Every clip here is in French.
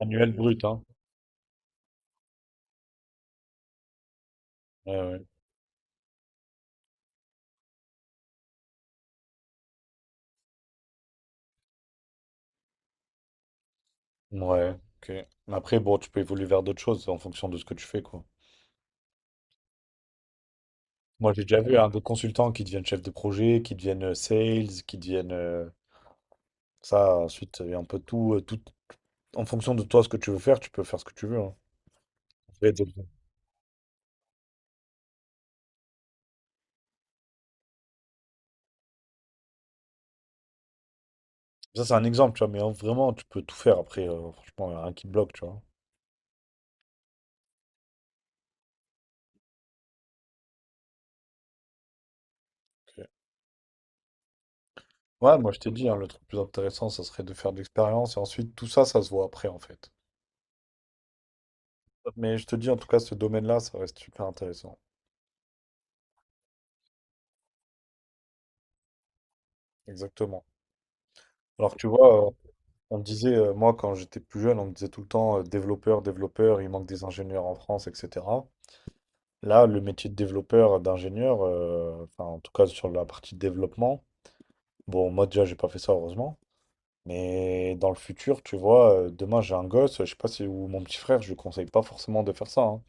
Annuel brut, hein. Ouais, ouais. Ouais, ok. Mais après, bon, tu peux évoluer vers d'autres choses en fonction de ce que tu fais, quoi. Moi, j'ai déjà vu hein, des consultants qui deviennent chefs de projet, qui deviennent sales, qui deviennent ça. Ensuite, il y a un peu tout, tout. En fonction de toi, ce que tu veux faire, tu peux faire ce que tu veux. Hein. Après, t'es- Ça, c'est un exemple, tu vois, mais hein, vraiment, tu peux tout faire après. Franchement, il y a rien qui te bloque, tu vois. Ok. Ouais, moi, je t'ai dit, hein, le truc le plus intéressant, ça serait de faire de l'expérience et ensuite, tout ça, ça se voit après, en fait. Mais je te dis, en tout cas, ce domaine-là, ça reste super intéressant. Exactement. Alors que tu vois, on me disait, moi, quand j'étais plus jeune, on me disait tout le temps développeur, développeur, il manque des ingénieurs en France, etc. Là, le métier de développeur, d'ingénieur, enfin, en tout cas sur la partie développement, bon, moi déjà, j'ai pas fait ça, heureusement. Mais dans le futur, tu vois, demain, j'ai un gosse, je sais pas si, ou mon petit frère, je lui conseille pas forcément de faire ça. Hein.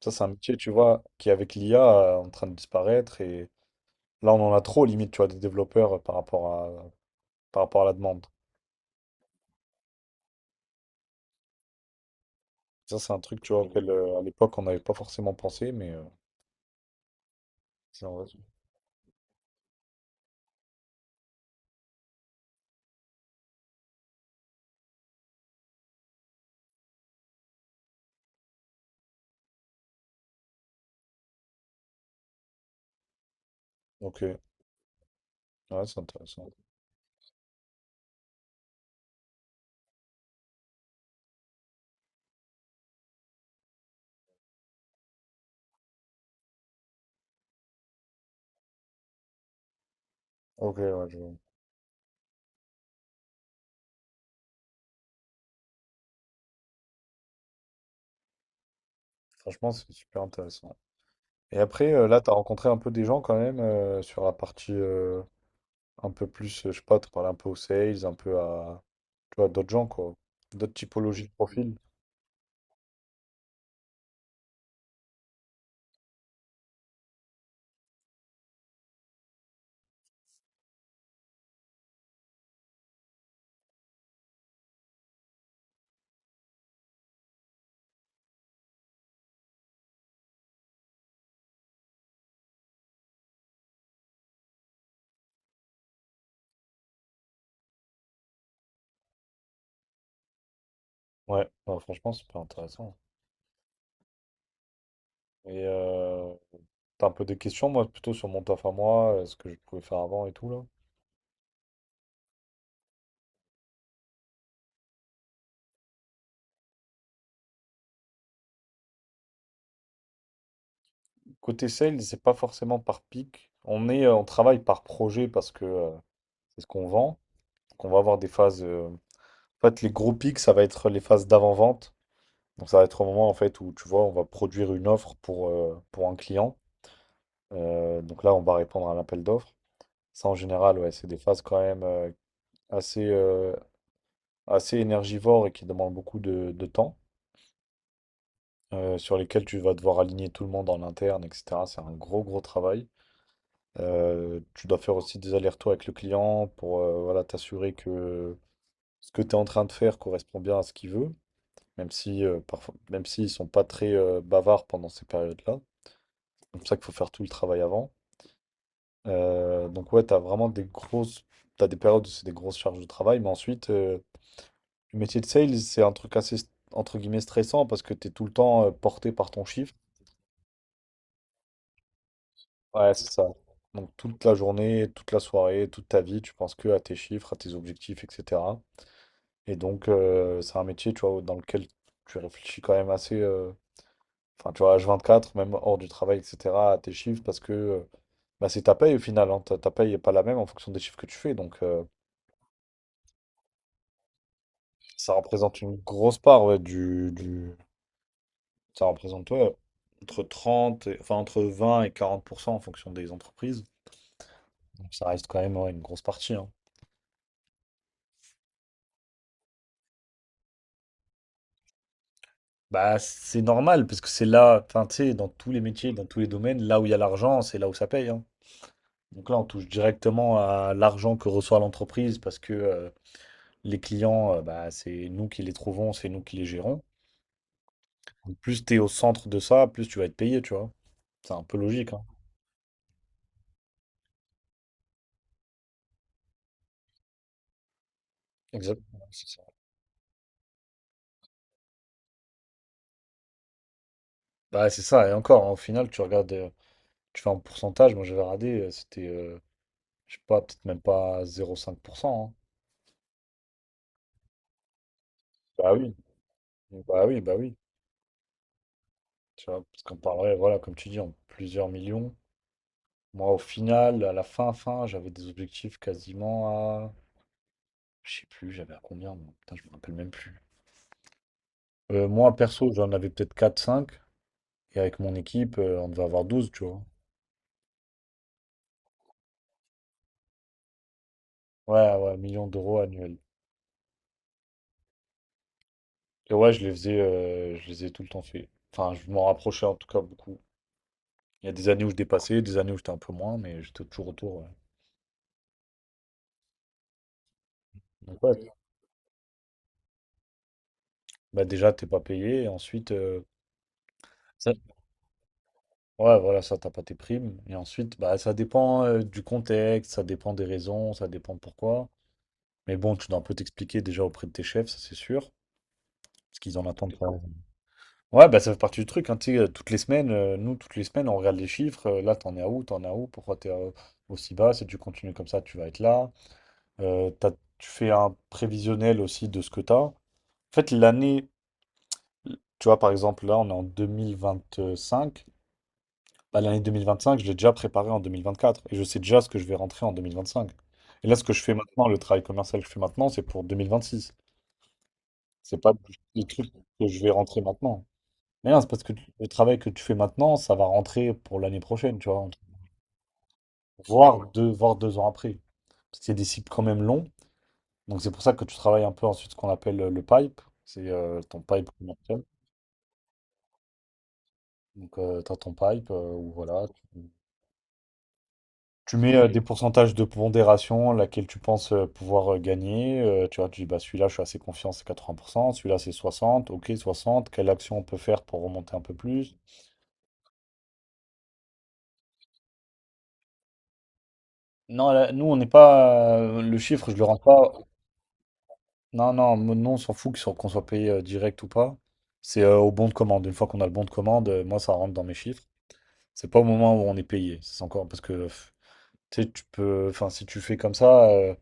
Ça, c'est un métier, tu vois, qui avec l'IA, en train de disparaître. Et là, on en a trop, limite, tu vois, des développeurs par rapport à la demande. Ça, c'est un truc, tu vois, auquel, à l'époque, on n'avait pas forcément pensé, mais. Genre, ok, ouais, c'est intéressant. Ok, ouais, vois. Franchement, c'est super intéressant. Et après, là, t'as rencontré un peu des gens quand même sur la partie un peu plus, je sais pas, t'as parlé un peu aux sales, un peu à, tu vois, d'autres gens, quoi. D'autres typologies de profils. Ouais, bah, franchement, c'est super intéressant. Et t'as un peu des questions, moi, plutôt sur mon taf à moi, ce que je pouvais faire avant et tout, là. Côté sales, c'est pas forcément par pic. On travaille par projet parce que c'est ce qu'on vend. Donc, on va avoir des phases. En fait, les gros pics, ça va être les phases d'avant-vente. Donc, ça va être au moment en fait où tu vois, on va produire une offre pour un client. Donc là, on va répondre à l'appel d'offres. Ça, en général, ouais, c'est des phases quand même assez, assez énergivores et qui demandent beaucoup de temps, sur lesquelles tu vas devoir aligner tout le monde en interne, etc. C'est un gros, gros travail. Tu dois faire aussi des allers-retours avec le client pour voilà, t'assurer que ce que tu es en train de faire correspond bien à ce qu'il veut. Même si, parfois, même s'ils sont pas très bavards pendant ces périodes-là. C'est pour ça qu'il faut faire tout le travail avant. Donc ouais, t'as vraiment des grosses, t'as des périodes où c'est des grosses charges de travail, mais ensuite, le métier de sales, c'est un truc assez, entre guillemets, stressant parce que t'es tout le temps porté par ton chiffre. Ouais, c'est ça. Donc toute la journée, toute la soirée, toute ta vie, tu penses que à tes chiffres, à tes objectifs, etc. Et donc, c'est un métier, tu vois, dans lequel tu réfléchis quand même assez. Enfin, tu vois, h quatre même hors du travail, etc., tes chiffres, parce que bah, c'est ta paye au final. Hein. Ta paye n'est pas la même en fonction des chiffres que tu fais. Donc, ça représente une grosse part ouais, Ça représente ouais, entre enfin, entre 20 et 40% en fonction des entreprises. Donc, ça reste quand même ouais, une grosse partie. Hein. Bah, c'est normal, parce que c'est là, enfin, tu sais, dans tous les métiers, dans tous les domaines, là où il y a l'argent, c'est là où ça paye. Hein. Donc là, on touche directement à l'argent que reçoit l'entreprise parce que les clients, bah, c'est nous qui les trouvons, c'est nous qui les gérons. Donc, plus tu es au centre de ça, plus tu vas être payé, tu vois. C'est un peu logique, hein. Exactement, c'est ça. Bah, c'est ça, et encore, hein, au final, tu regardes, tu fais un pourcentage, moi j'avais radé, c'était, je sais pas, peut-être même pas 0,5%. Hein. Bah oui, bah oui, bah oui. Tu vois, parce qu'on parlerait, voilà, comme tu dis, en plusieurs millions. Moi, au final, à la fin, j'avais des objectifs quasiment à... Je sais plus, j'avais à combien, moi. Putain, je me rappelle même plus. Moi, perso, j'en avais peut-être quatre, cinq. Et avec mon équipe, on devait avoir 12, tu vois. Ouais, ouais, millions d'euros annuels. Et ouais, je les faisais, je les ai tout le temps fait. Enfin, je m'en rapprochais en tout cas beaucoup. Il y a des années où je dépassais, des années où j'étais un peu moins, mais j'étais toujours autour. Ouais. Donc ouais, bah déjà, t'es pas payé. Et ensuite, ça- ouais, voilà, ça, t'as pas tes primes. Et ensuite, bah ça dépend du contexte, ça dépend des raisons, ça dépend pourquoi. Mais bon, tu dois un peu t'expliquer déjà auprès de tes chefs, ça c'est sûr. Parce qu'ils en attendent pas. Ouais, bah ça fait partie du truc, hein, tu sais, toutes les semaines, nous, toutes les semaines, on regarde les chiffres, là, t'en es à où, t'en es à où, pourquoi t'es aussi bas, si tu continues comme ça, tu vas être là. Euh, t'as- Tu fais un prévisionnel aussi de ce que t'as. En fait, l'année, tu vois, par exemple, là, on est en 2025, bah, l'année 2025, je l'ai déjà préparée en 2024, et je sais déjà ce que je vais rentrer en 2025. Et là, ce que je fais maintenant, le travail commercial que je fais maintenant, c'est pour 2026. C'est pas le truc que je vais rentrer maintenant. Mais non, c'est parce que le travail que tu fais maintenant, ça va rentrer pour l'année prochaine, tu vois, voire voire deux ans après. Parce que c'est des cycles quand même longs. Donc c'est pour ça que tu travailles un peu ensuite ce qu'on appelle le pipe. C'est ton pipe commercial. Donc tu as ton pipe où voilà, tu, tu mets des pourcentages de pondération laquelle tu penses pouvoir gagner. Tu vois, tu dis bah celui-là je suis assez confiant, c'est 80%, celui-là c'est 60, ok, 60, quelle action on peut faire pour remonter un peu plus? Non, là, nous on n'est pas le chiffre, je le rends pas. Non, non, non, on s'en fout que qu'on soit payé direct ou pas. C'est au bon de commande. Une fois qu'on a le bon de commande, moi, ça rentre dans mes chiffres. C'est pas au moment où on est payé. Ça, c'est encore parce que tu sais, tu peux. Enfin, si tu fais comme ça,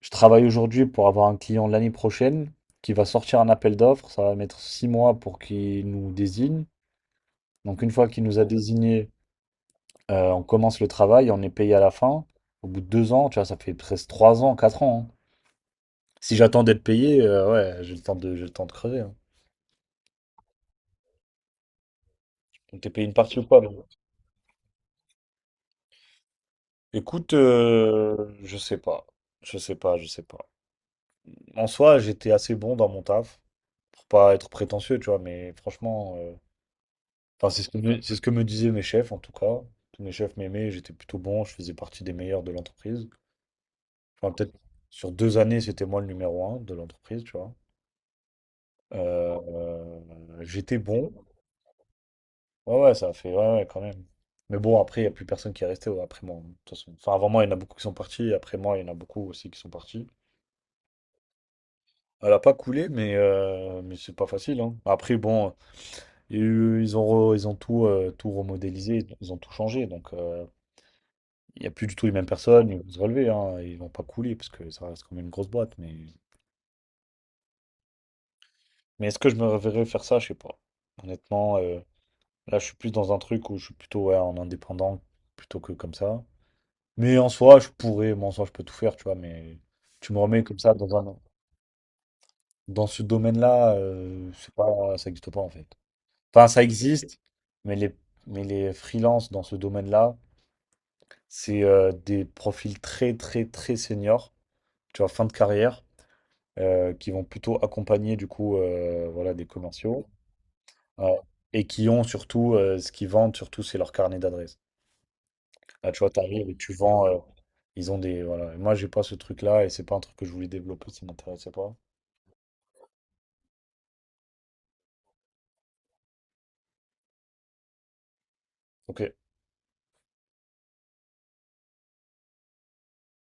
je travaille aujourd'hui pour avoir un client l'année prochaine qui va sortir un appel d'offres. Ça va mettre 6 mois pour qu'il nous désigne. Donc, une fois qu'il nous a désigné, on commence le travail, on est payé à la fin. Au bout de 2 ans, tu vois, ça fait presque 3 ans, 4 ans. Hein. Si j'attends d'être payé, ouais, j'ai le temps de crever. Hein. Donc t'es payé une partie ou pas, non? Écoute, je sais pas. Je sais pas, je sais pas. En soi, j'étais assez bon dans mon taf. Pour pas être prétentieux, tu vois, mais franchement, enfin, c'est ce que me disaient mes chefs, en tout cas. Tous mes chefs m'aimaient, j'étais plutôt bon, je faisais partie des meilleurs de l'entreprise. Enfin, peut-être sur 2 années, c'était moi le numéro 1 de l'entreprise, tu vois. Euh, euh, J'étais bon. Ouais, ouais, ça a fait, ouais, ouais, quand même. Mais bon, après, il n'y a plus personne qui est resté ouais, après moi, de toute façon. Enfin, avant moi, il y en a beaucoup qui sont partis. Et après moi, il y en a beaucoup aussi qui sont partis. Elle a pas coulé, mais, mais c'est pas facile. Hein. Après, bon, il y a eu- ils ont, ils ont tout, tout remodélisé, ils ont tout changé. Donc, il n'y a plus du tout les mêmes personnes. Ils vont se relever. Hein, ils vont pas couler parce que ça reste quand même une grosse boîte. Mais, est-ce que je me reverrais faire ça? Je sais pas. Honnêtement, là, je suis plus dans un truc où je suis plutôt ouais, en indépendant plutôt que comme ça. Mais en soi, je pourrais, moi, en soi, je peux tout faire, tu vois. Mais tu me remets comme ça dans un, dans ce domaine-là, c'est pas, ça n'existe pas en fait. Enfin, ça existe, mais les, mais les freelances dans ce domaine-là, c'est des profils très, très, très seniors, tu vois, fin de carrière, qui vont plutôt accompagner, du coup, voilà, des commerciaux, euh, et qui ont surtout, ce qu'ils vendent, surtout, c'est leur carnet d'adresses. Là, tu vois, t'arrives et tu vends, ils ont des, voilà. Et moi, j'ai pas ce truc-là, et c'est pas un truc que je voulais développer, ça m'intéressait pas. Donc,